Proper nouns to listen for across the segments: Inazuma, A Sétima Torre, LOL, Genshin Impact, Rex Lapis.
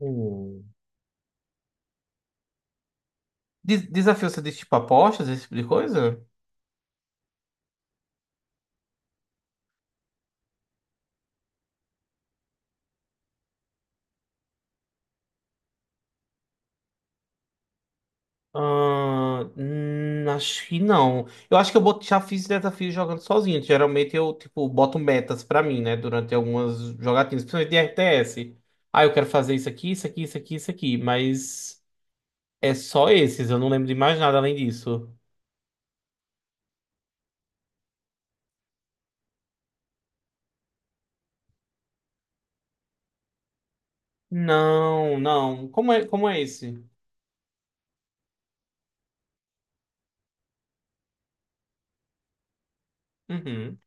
Hum. Desafio, você diz tipo apostas, esse tipo de coisa? Ah, acho que não. Eu acho que já fiz desafio jogando sozinho. Geralmente eu, tipo, boto metas pra mim, né? Durante algumas jogatinas, principalmente de RTS. Ah, eu quero fazer isso aqui, isso aqui, isso aqui, isso aqui. Mas é só esses, eu não lembro de mais nada além disso. Não, não. Como é esse? Uhum.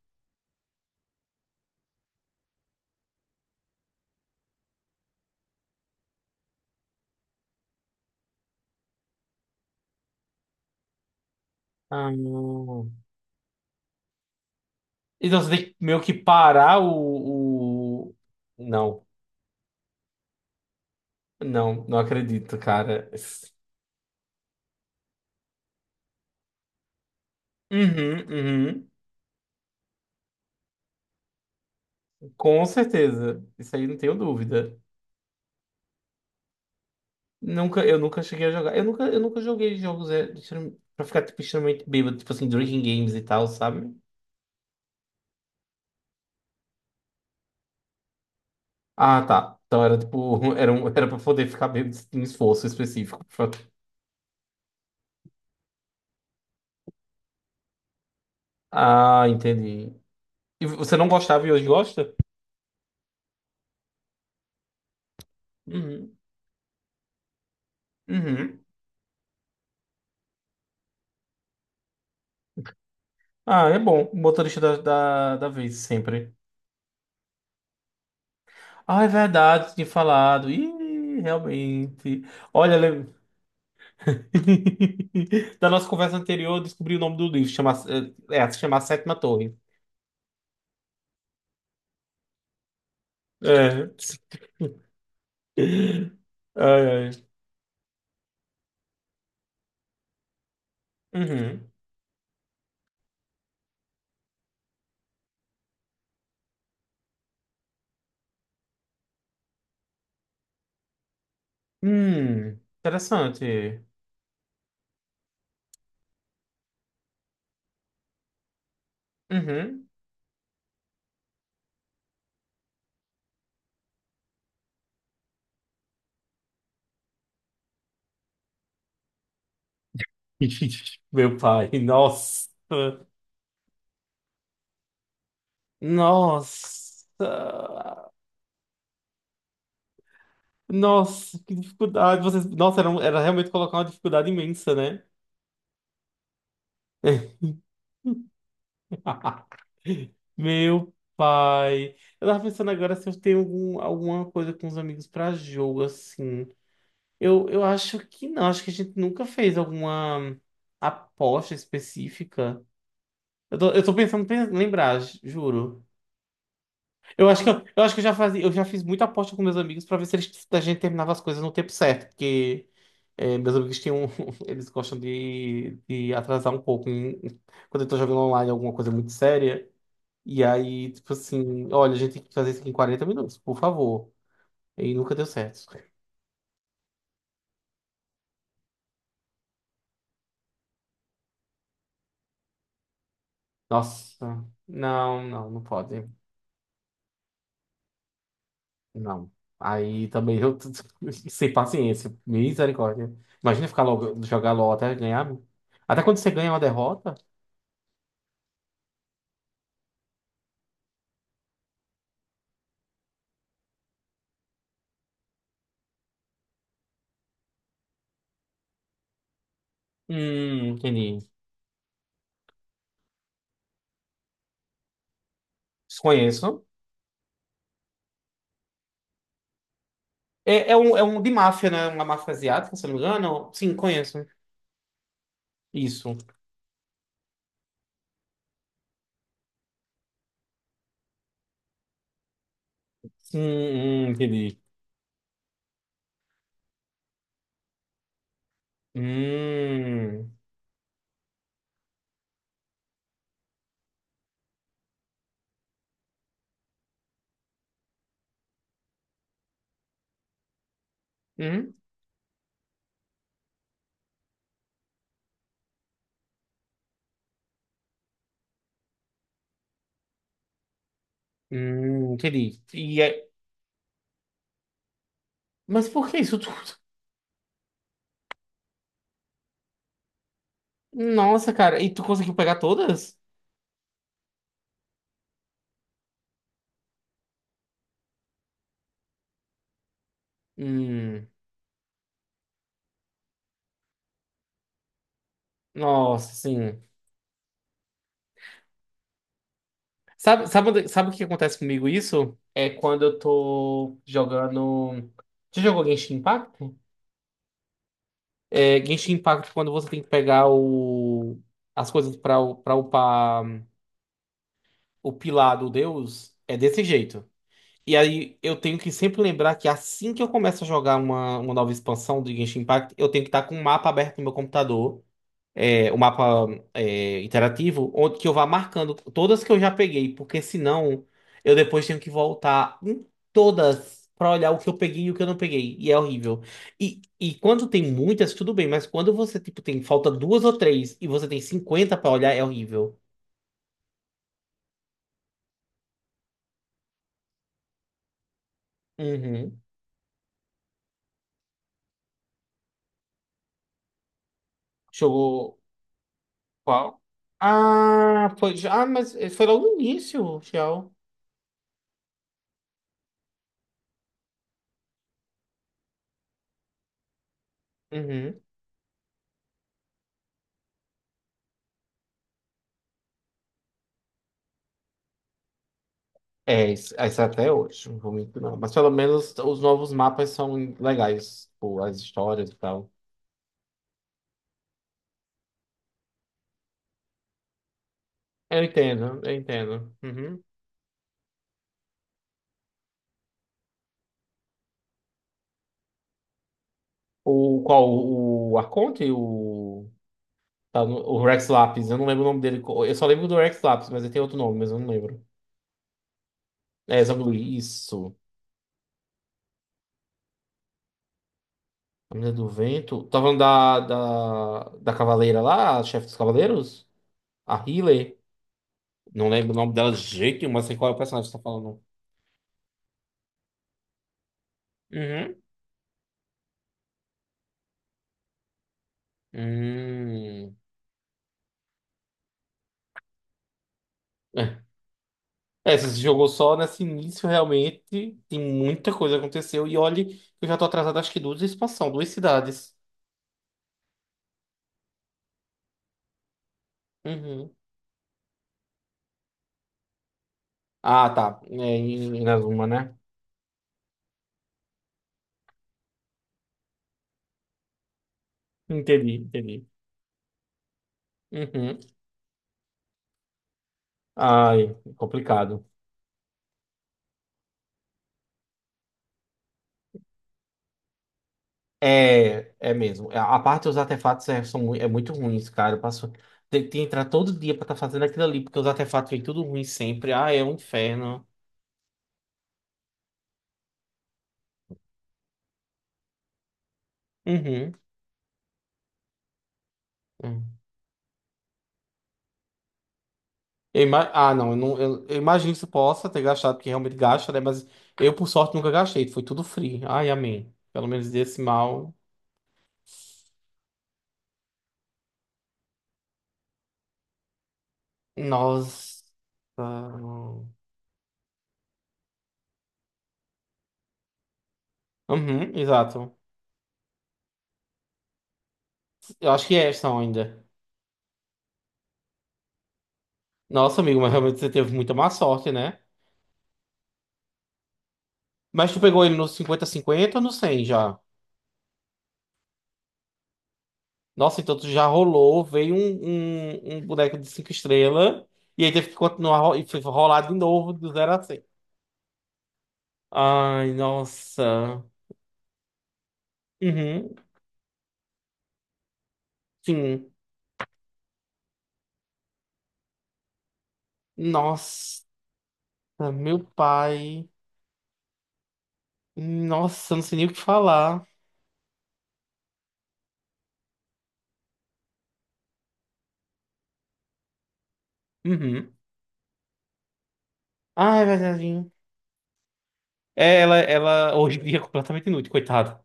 Ah, não. Então você tem que meio que parar o. Não. Não, não acredito, cara. Uhum, uhum. Com certeza. Isso aí não tenho dúvida. Nunca, eu nunca cheguei a jogar. Eu nunca joguei jogos pra ficar tipo, extremamente bêbado, tipo assim, drinking games e tal, sabe? Ah, tá. Então era tipo, era, um, era pra poder ficar bêbado em esforço específico. Ah, entendi. E você não gostava e hoje gosta? Uhum. Uhum. Ah, é bom. Motorista da, da, da vez, sempre. Ah, é verdade, tinha falado. Ih, realmente. Olha, da nossa conversa anterior, eu descobri o nome do livro. Chama... é, é, se chama A Sétima Torre. É. Ai, ai. Uhum. Interessante. Uhum. Meu pai, nossa. Nossa. Nossa, que dificuldade. Vocês... Nossa, era realmente colocar uma dificuldade imensa, né? Meu pai. Eu tava pensando agora se eu tenho algum, alguma coisa com os amigos pra jogo, assim. Eu acho que não. Acho que a gente nunca fez alguma aposta específica. Eu tô pensando em lembrar, juro. Eu acho que eu acho que eu já fazia, eu já fiz muita aposta com meus amigos pra ver se eles, a gente terminava as coisas no tempo certo, porque é, meus amigos têm um, eles gostam de atrasar um pouco em- quando eu tô jogando online alguma coisa muito séria. E aí, tipo assim, olha, a gente tem que fazer isso aqui em 40 minutos, por favor. E nunca deu certo. Nossa, não, não, não pode. Não. Aí também eu tô sem paciência, misericórdia. Imagina ficar logo, jogar LOL até ganhar. Até quando você ganha uma derrota. Entendi. Desconheço. É um de máfia, né? Uma máfia asiática, se eu não me engano. Sim, conheço. Isso. Entendi. Hum, hum, entendi. E, mas por que isso tudo? Nossa, cara. E tu conseguiu pegar todas? Hum, nossa, sim. Sabe, sabe, onde- sabe o que acontece comigo isso? É quando eu tô jogando. Você jogou Genshin Impact? É, Genshin Impact, quando você tem que pegar o... as coisas pra, pra upar o pilar do deus, é desse jeito. E aí eu tenho que sempre lembrar que assim que eu começo a jogar uma nova expansão de Genshin Impact, eu tenho que estar com o mapa aberto no meu computador é, o mapa é, interativo, onde que eu vá marcando todas que eu já peguei, porque senão eu depois tenho que voltar em todas para olhar o que eu peguei e o que eu não peguei. E é horrível. E quando tem muitas, tudo bem, mas quando você tipo tem falta duas ou três e você tem 50 para olhar, é horrível. Uhum. Jogou qual? Ah, foi já, mas foi logo no início, Shell. É isso até hoje, não vou mentir, não. Mas pelo menos os novos mapas são legais, tipo, as histórias e tal. Eu entendo, eu entendo. Uhum. O qual? O Arconte? O, tá no- o Rex Lapis, eu não lembro o nome dele. Eu só lembro do Rex Lapis, mas ele tem outro nome, mas eu não lembro. É, Zanguli, isso. A Menina do Vento. Tá falando da Cavaleira lá, a chefe dos Cavaleiros? A Healer. Não lembro o nome dela de jeito nenhum, mas sei qual é o personagem que você tá falando. Uhum. Hum. É, se esse jogo só nesse início, realmente, tem muita coisa que aconteceu. E olhe, eu já tô atrasado, acho que duas expansões, duas cidades. Uhum. Ah, tá. É, em Inazuma, né? Entendi, entendi. Uhum. Ai, complicado. É, é mesmo. A parte dos artefatos é, são, mui- é muito ruins, cara. Eu passo, tem tem que entrar todo dia pra estar fazendo aquilo ali, porque os artefatos vêm tudo ruim sempre. Ah, é um inferno. Uhum. Uhum. Ah, não, eu imagino que você possa ter gastado, porque realmente gasta, né? Mas eu, por sorte, nunca gastei. Foi tudo free. Ai, amém. Pelo menos desse mal. Nossa. Uhum, exato. Eu acho que é essa ainda. Nossa, amigo, mas realmente você teve muita má sorte, né? Mas tu pegou ele no 50 50 ou no 100 já? Nossa, então tu já rolou, veio um boneco de 5 estrelas e aí teve que continuar e foi rolar de novo do 0 a 100. Ai, nossa. Uhum, sim. Nossa, meu pai. Nossa, eu não sei nem o que falar. Uhum. Ah, é verdade. É, ela hoje em dia é completamente inútil, coitado.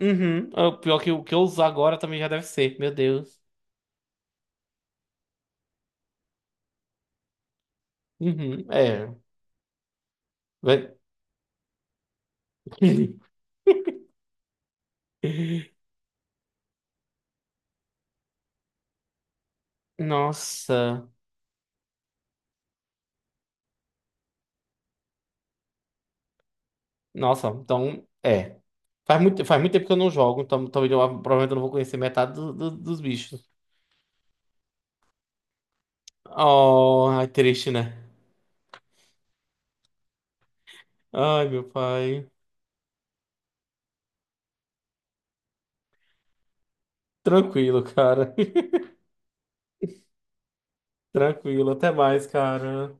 Uhum. É. O pior que o que eu usar agora também já deve ser, meu Deus. Uhum. É. Vai- Nossa. Nossa, então, é. Faz muito tempo que eu não jogo, então talvez eu, provavelmente eu não vou conhecer metade dos bichos. Oh, é triste, né? Ai, meu pai. Tranquilo, cara. Tranquilo, até mais, cara.